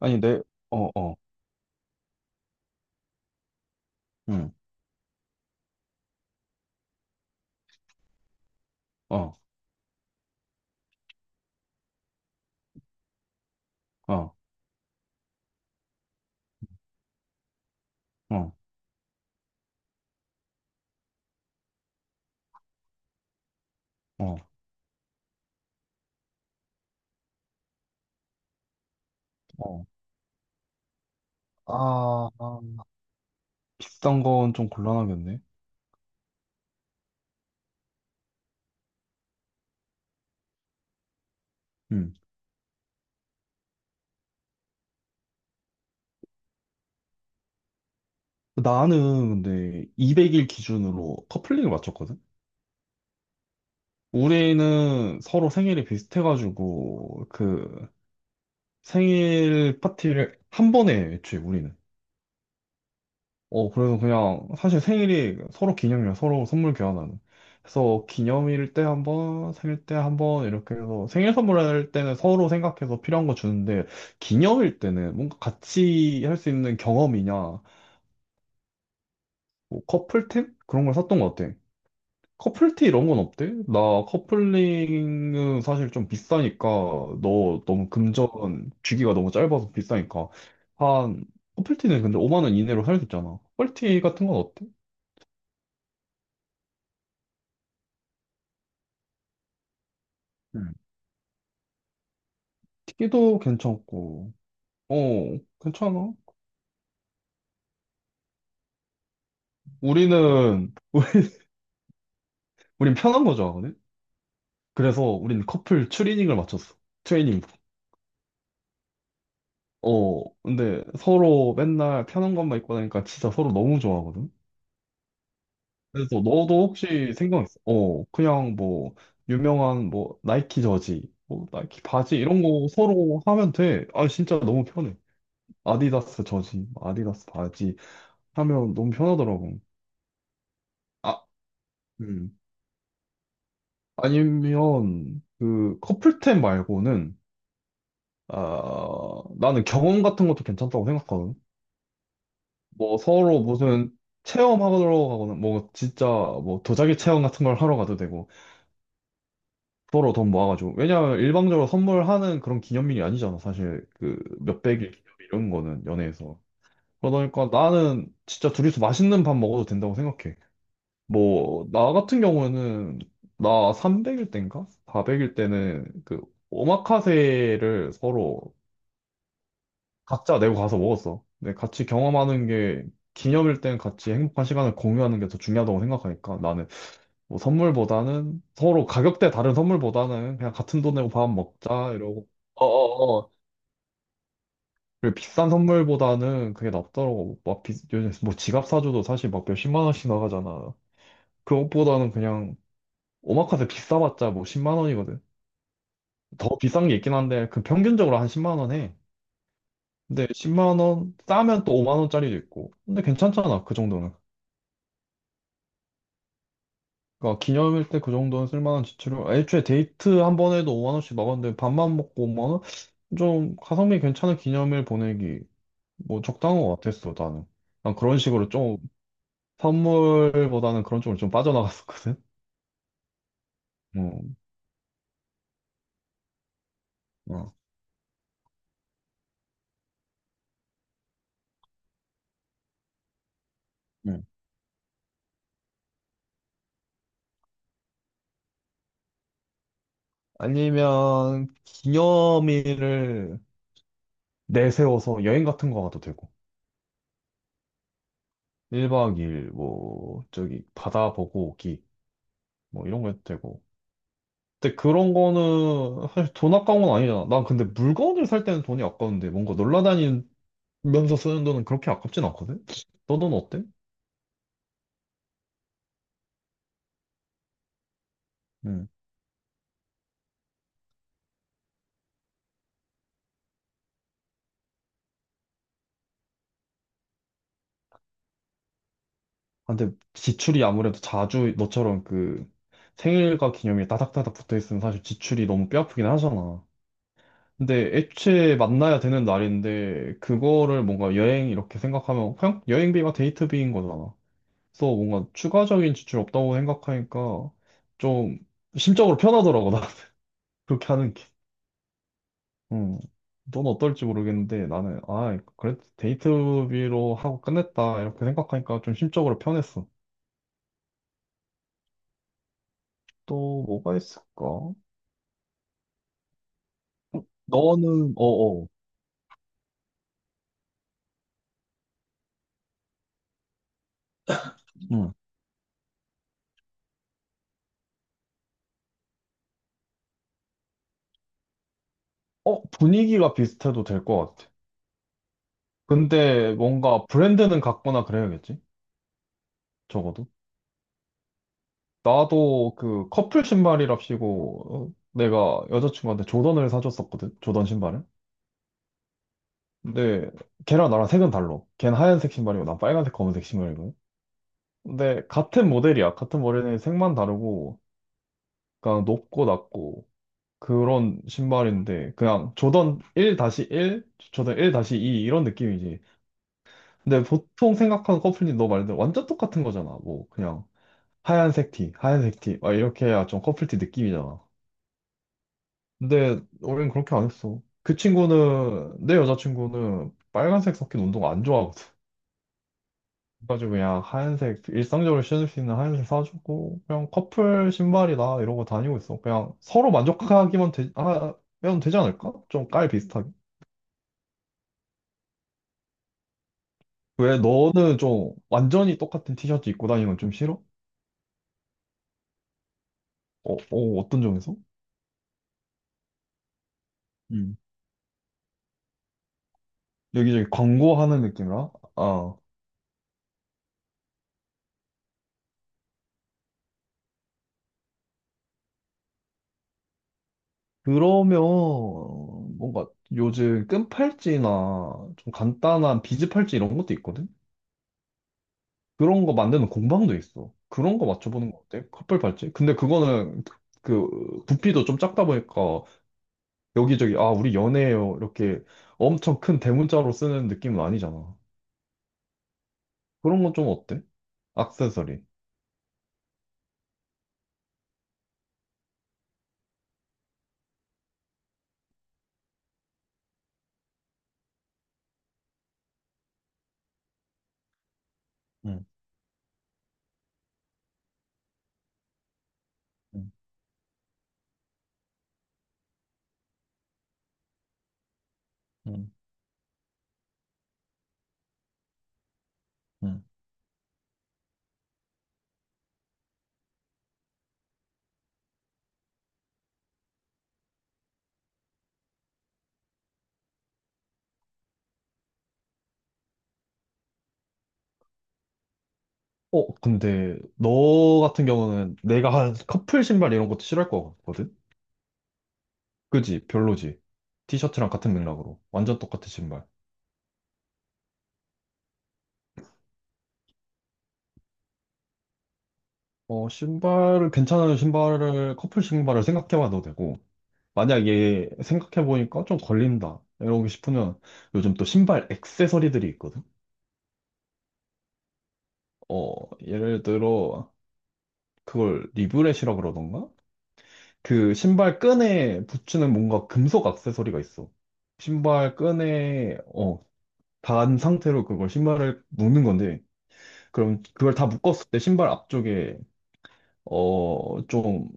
아니, 어, 어, 응, 어, 어, 어, 어, 어. 아, 아. 비싼 건 좀 곤란하겠네. 음. 나는 근데 200일 기준으로 커플링을 맞췄거든? 우리는 서로 생일이 비슷해가지고, 그, 생일 파티를 한 번에 해, 애초에 우리는. 어, 그래서 그냥 사실 생일이 서로 기념이야. 서로 선물 교환하는. 그래서 기념일 때 한 번, 생일 때 한번 이렇게 해서 생일 선물할 때는 서로 생각해서 필요한 거 주는데 기념일 때는 뭔가 같이 할 수 있는 경험이냐, 뭐 커플템? 그런 걸 샀던 것 같아. 커플티 이런 건 어때? 나 커플링은 사실 좀 비싸니까 너 너무 금전 주기가 너무 짧아서 비싸니까 한 커플티는 근데 5만 원 이내로 살 수 있잖아. 커플티 같은 건 어때? 티기도 괜찮고, 어, 괜찮아. 우리는, 우린 편한 거 좋아하거든? 그래서 우린 커플 추리닝을 맞췄어. 트레이닝. 어, 근데 서로 맨날 편한 것만 입고 다니까 진짜 서로 너무 좋아하거든? 그래서 너도 혹시 생각했어? 어, 그냥 뭐, 유명한 뭐, 나이키 저지, 뭐, 나이키 바지 이런 거 서로 하면 돼. 아, 진짜 너무 편해. 아디다스 저지, 아디다스 바지 하면 너무 편하더라고. 아, 음. 아니면 그 커플템 말고는 아 나는 경험 같은 것도 괜찮다고 생각하거든. 뭐 서로 무슨 체험하러 가거나 뭐 진짜 뭐 도자기 체험 같은 걸 하러 가도 되고 서로 돈 모아가지고 왜냐면 일방적으로 선물하는 그런 기념일이 아니잖아 사실 그 몇백일 기념일 이런 거는 연애에서 그러다 보니까 나는 진짜 둘이서 맛있는 밥 먹어도 된다고 생각해. 뭐, 나 같은 경우는, 나 300일 때인가? 400일 때는 그, 오마카세를 서로 각자 내고 가서 먹었어. 근데 같이 경험하는 게, 기념일 땐 같이 행복한 시간을 공유하는 게 더 중요하다고 생각하니까 나는 뭐 선물보다는 서로 가격대 다른 선물보다는 그냥 같은 돈 내고 밥 먹자 이러고 어어어 그리고 비싼 선물보다는 그게 낫더라고 막 요즘 뭐 지갑 사줘도 사실 막 몇십만 원씩 나가잖아 그것보다는 그냥 오마카세 비싸봤자 뭐 10만 원이거든. 더 비싼 게 있긴 한데 그 평균적으로 한 10만 원 해. 근데 10만 원 싸면 또 5만 원짜리도 있고. 근데 괜찮잖아 그 정도는. 그러니까 기념일 때 그 정도는 쓸만한 지출을. 애초에 데이트 한 번에도 5만 원씩 나갔는데 밥만 먹고 5만 원? 좀 가성비 괜찮은 기념일 보내기 뭐 적당한 것 같았어 나는. 난 그런 식으로 좀 선물보다는 그런 쪽으로 좀 빠져나갔었거든. 어. 어. 네. 아니면 기념일을 내세워서 여행 같은 거 가도 되고 1박 2일 뭐 저기 바다 보고 오기 뭐 이런 거 해도 되고 근데 그런 거는 사실 돈 아까운 건 아니잖아 난 근데 물건을 살 때는 돈이 아까운데 뭔가 놀러 다니면서 쓰는 돈은 그렇게 아깝진 않거든 너 돈 어때? 응 아, 근데 지출이 아무래도 자주 너처럼 그 생일과 기념일이 따닥따닥 붙어 있으면 사실 지출이 너무 뼈 아프긴 하잖아 근데 애초에 만나야 되는 날인데 그거를 뭔가 여행 이렇게 생각하면 그냥 여행비가 데이트비인 거잖아. 그래서 뭔가 추가적인 지출이 없다고 생각하니까 좀 심적으로 편하더라고, 나 그렇게 하는 게. 음. 넌 어떨지 모르겠는데 나는, 아, 그래도 데이트비로 하고 끝냈다. 이렇게 생각하니까 좀 심적으로 편했어. 또 뭐가 있을까? 너는, 어어. 음. 어, 분위기가 비슷해도 될 것 같아. 근데 뭔가 브랜드는 같거나 그래야겠지? 적어도. 나도 그 커플 신발이랍시고 어, 내가 여자친구한테 조던을 사줬었거든. 조던 신발을. 근데 걔랑 나랑 색은 달라. 걔는 하얀색 신발이고 난 빨간색 검은색 신발이거든. 근데 같은 모델이야. 같은 모델는 색만 다르고 그냥 높고 낮고 그런 신발인데 그냥 조던 1-1, 조던 1-2 이런 느낌이지. 근데 보통 생각하는 커플티 너 말대로 완전 똑같은 거잖아. 뭐 그냥 하얀색 티, 하얀색 티 막 이렇게 해야 좀 커플티 느낌이잖아. 근데 우린 그렇게 안 했어. 그 친구는 내 여자친구는 빨간색 섞인 운동 안 좋아. 그래가지고 그냥 하얀색 일상적으로 신을 수 있는 하얀색 사주고 그냥 커플 신발이다 이러고 다니고 있어. 그냥 서로 만족하기만 하면 되지 않을까? 좀 깔 비슷하게. 왜 너는 좀 완전히 똑같은 티셔츠 입고 다니는 건 좀 싫어? 어, 어, 어떤 점에서? 음. 여기저기 광고하는 느낌이라? 아, 그러면 뭔가 요즘 끈 팔찌나 좀 간단한 비즈 팔찌 이런 것도 있거든? 그런 거 만드는 공방도 있어. 그런 거 맞춰보는 거 어때? 커플 팔찌? 근데 그거는 그 부피도 좀 작다 보니까 여기저기 아 우리 연애해요 이렇게 엄청 큰 대문자로 쓰는 느낌은 아니잖아. 그런 건 좀 어때? 액세서리. 응, 응, 응, 응. 어 근데 너 같은 경우는 내가 한 커플 신발 이런 것도 싫어할 것 같거든? 그지? 별로지. 티셔츠랑 같은 맥락으로 완전 똑같은 신발. 어 신발을 괜찮은 신발을 커플 신발을 생각해봐도 되고. 만약에 생각해보니까 좀 걸린다. 이러고 싶으면 요즘 또 신발 액세서리들이 있거든? 어, 예를 들어, 그걸 리브렛이라 그러던가? 그 신발 끈에 붙이는 뭔가 금속 액세서리가 있어. 신발 끈에, 어, 단 상태로 그걸 신발을 묶는 건데, 그럼 그걸 다 묶었을 때 신발 앞쪽에, 어, 좀,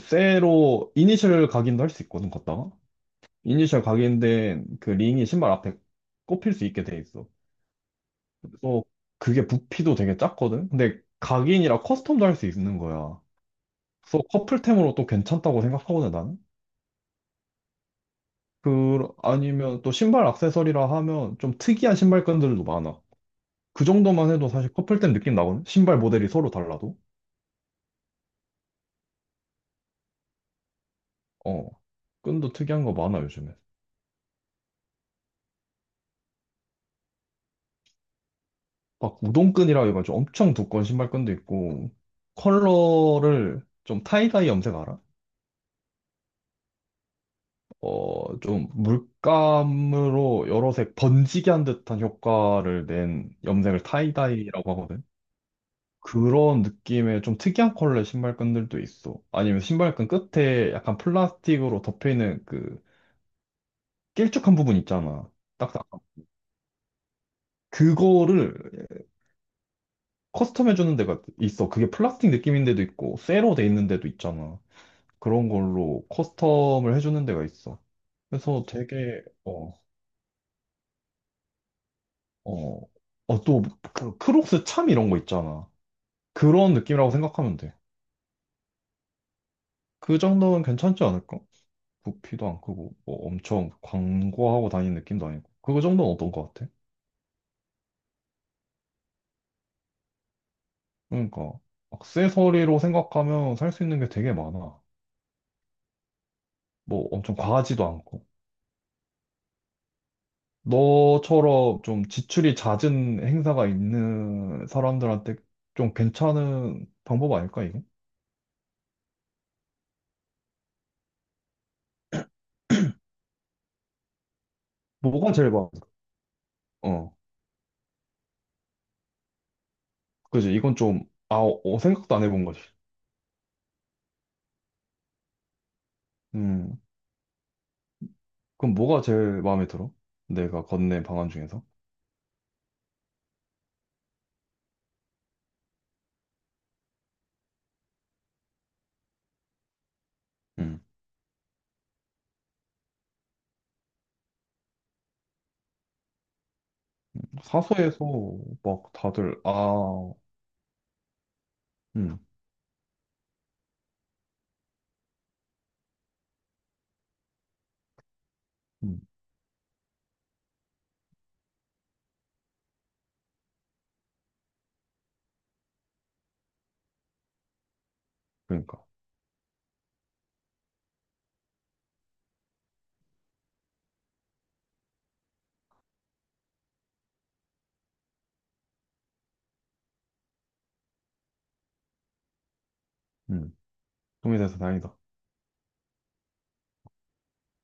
쇠로 이니셜 각인도 할 수 있거든, 걷다가. 이니셜 각인된 그 링이 신발 앞에 꼽힐 수 있게 돼 있어. 그래서 그게 부피도 되게 작거든? 근데 각인이라 커스텀도 할 수 있는 거야. 그래서 커플템으로 또 괜찮다고 생각하거든, 나는? 그, 아니면 또 신발 액세서리라 하면 좀 특이한 신발끈들도 많아. 그 정도만 해도 사실 커플템 느낌 나거든? 신발 모델이 서로 달라도. 어. 끈도 특이한 거 많아, 요즘에. 막 우동끈이라 해가지고 엄청 두꺼운 신발끈도 있고, 컬러를 좀 타이다이 염색 알아? 어, 좀 물감으로 여러 색 번지게 한 듯한 효과를 낸 염색을 타이다이라고 하거든. 그런 느낌의 좀 특이한 컬러의 신발끈들도 있어. 아니면 신발끈 끝에 약간 플라스틱으로 덮여있는 그 길쭉한 부분 있잖아. 딱딱. 그거를 커스텀해주는 데가 있어. 그게 플라스틱 느낌인 데도 있고, 쇠로 돼 있는 데도 있잖아. 그런 걸로 커스텀을 해주는 데가 있어. 그래서 되게, 어, 어, 어, 또, 그, 크록스 참 이런 거 있잖아. 그런 느낌이라고 생각하면 돼. 그 정도는 괜찮지 않을까? 부피도 안 크고, 뭐 엄청 광고하고 다니는 느낌도 아니고. 그 정도는 어떤 것 같아? 그러니까, 액세서리로 생각하면 살 수 있는 게 되게 많아. 뭐 엄청 과하지도 않고. 너처럼 좀 지출이 잦은 행사가 있는 사람들한테 좀 괜찮은 방법 아닐까, 이게? 뭐가 제일 많아? 어, 그지. 이건 좀, 아, 어, 생각도 안 해본 거지. 음. 그럼 뭐가 제일 마음에 들어? 내가 건넨 방안 중에서? 음. 사서에서 막 다들, 아, 음, 음, 그러니까. 음. 도움이 돼서 다행이다.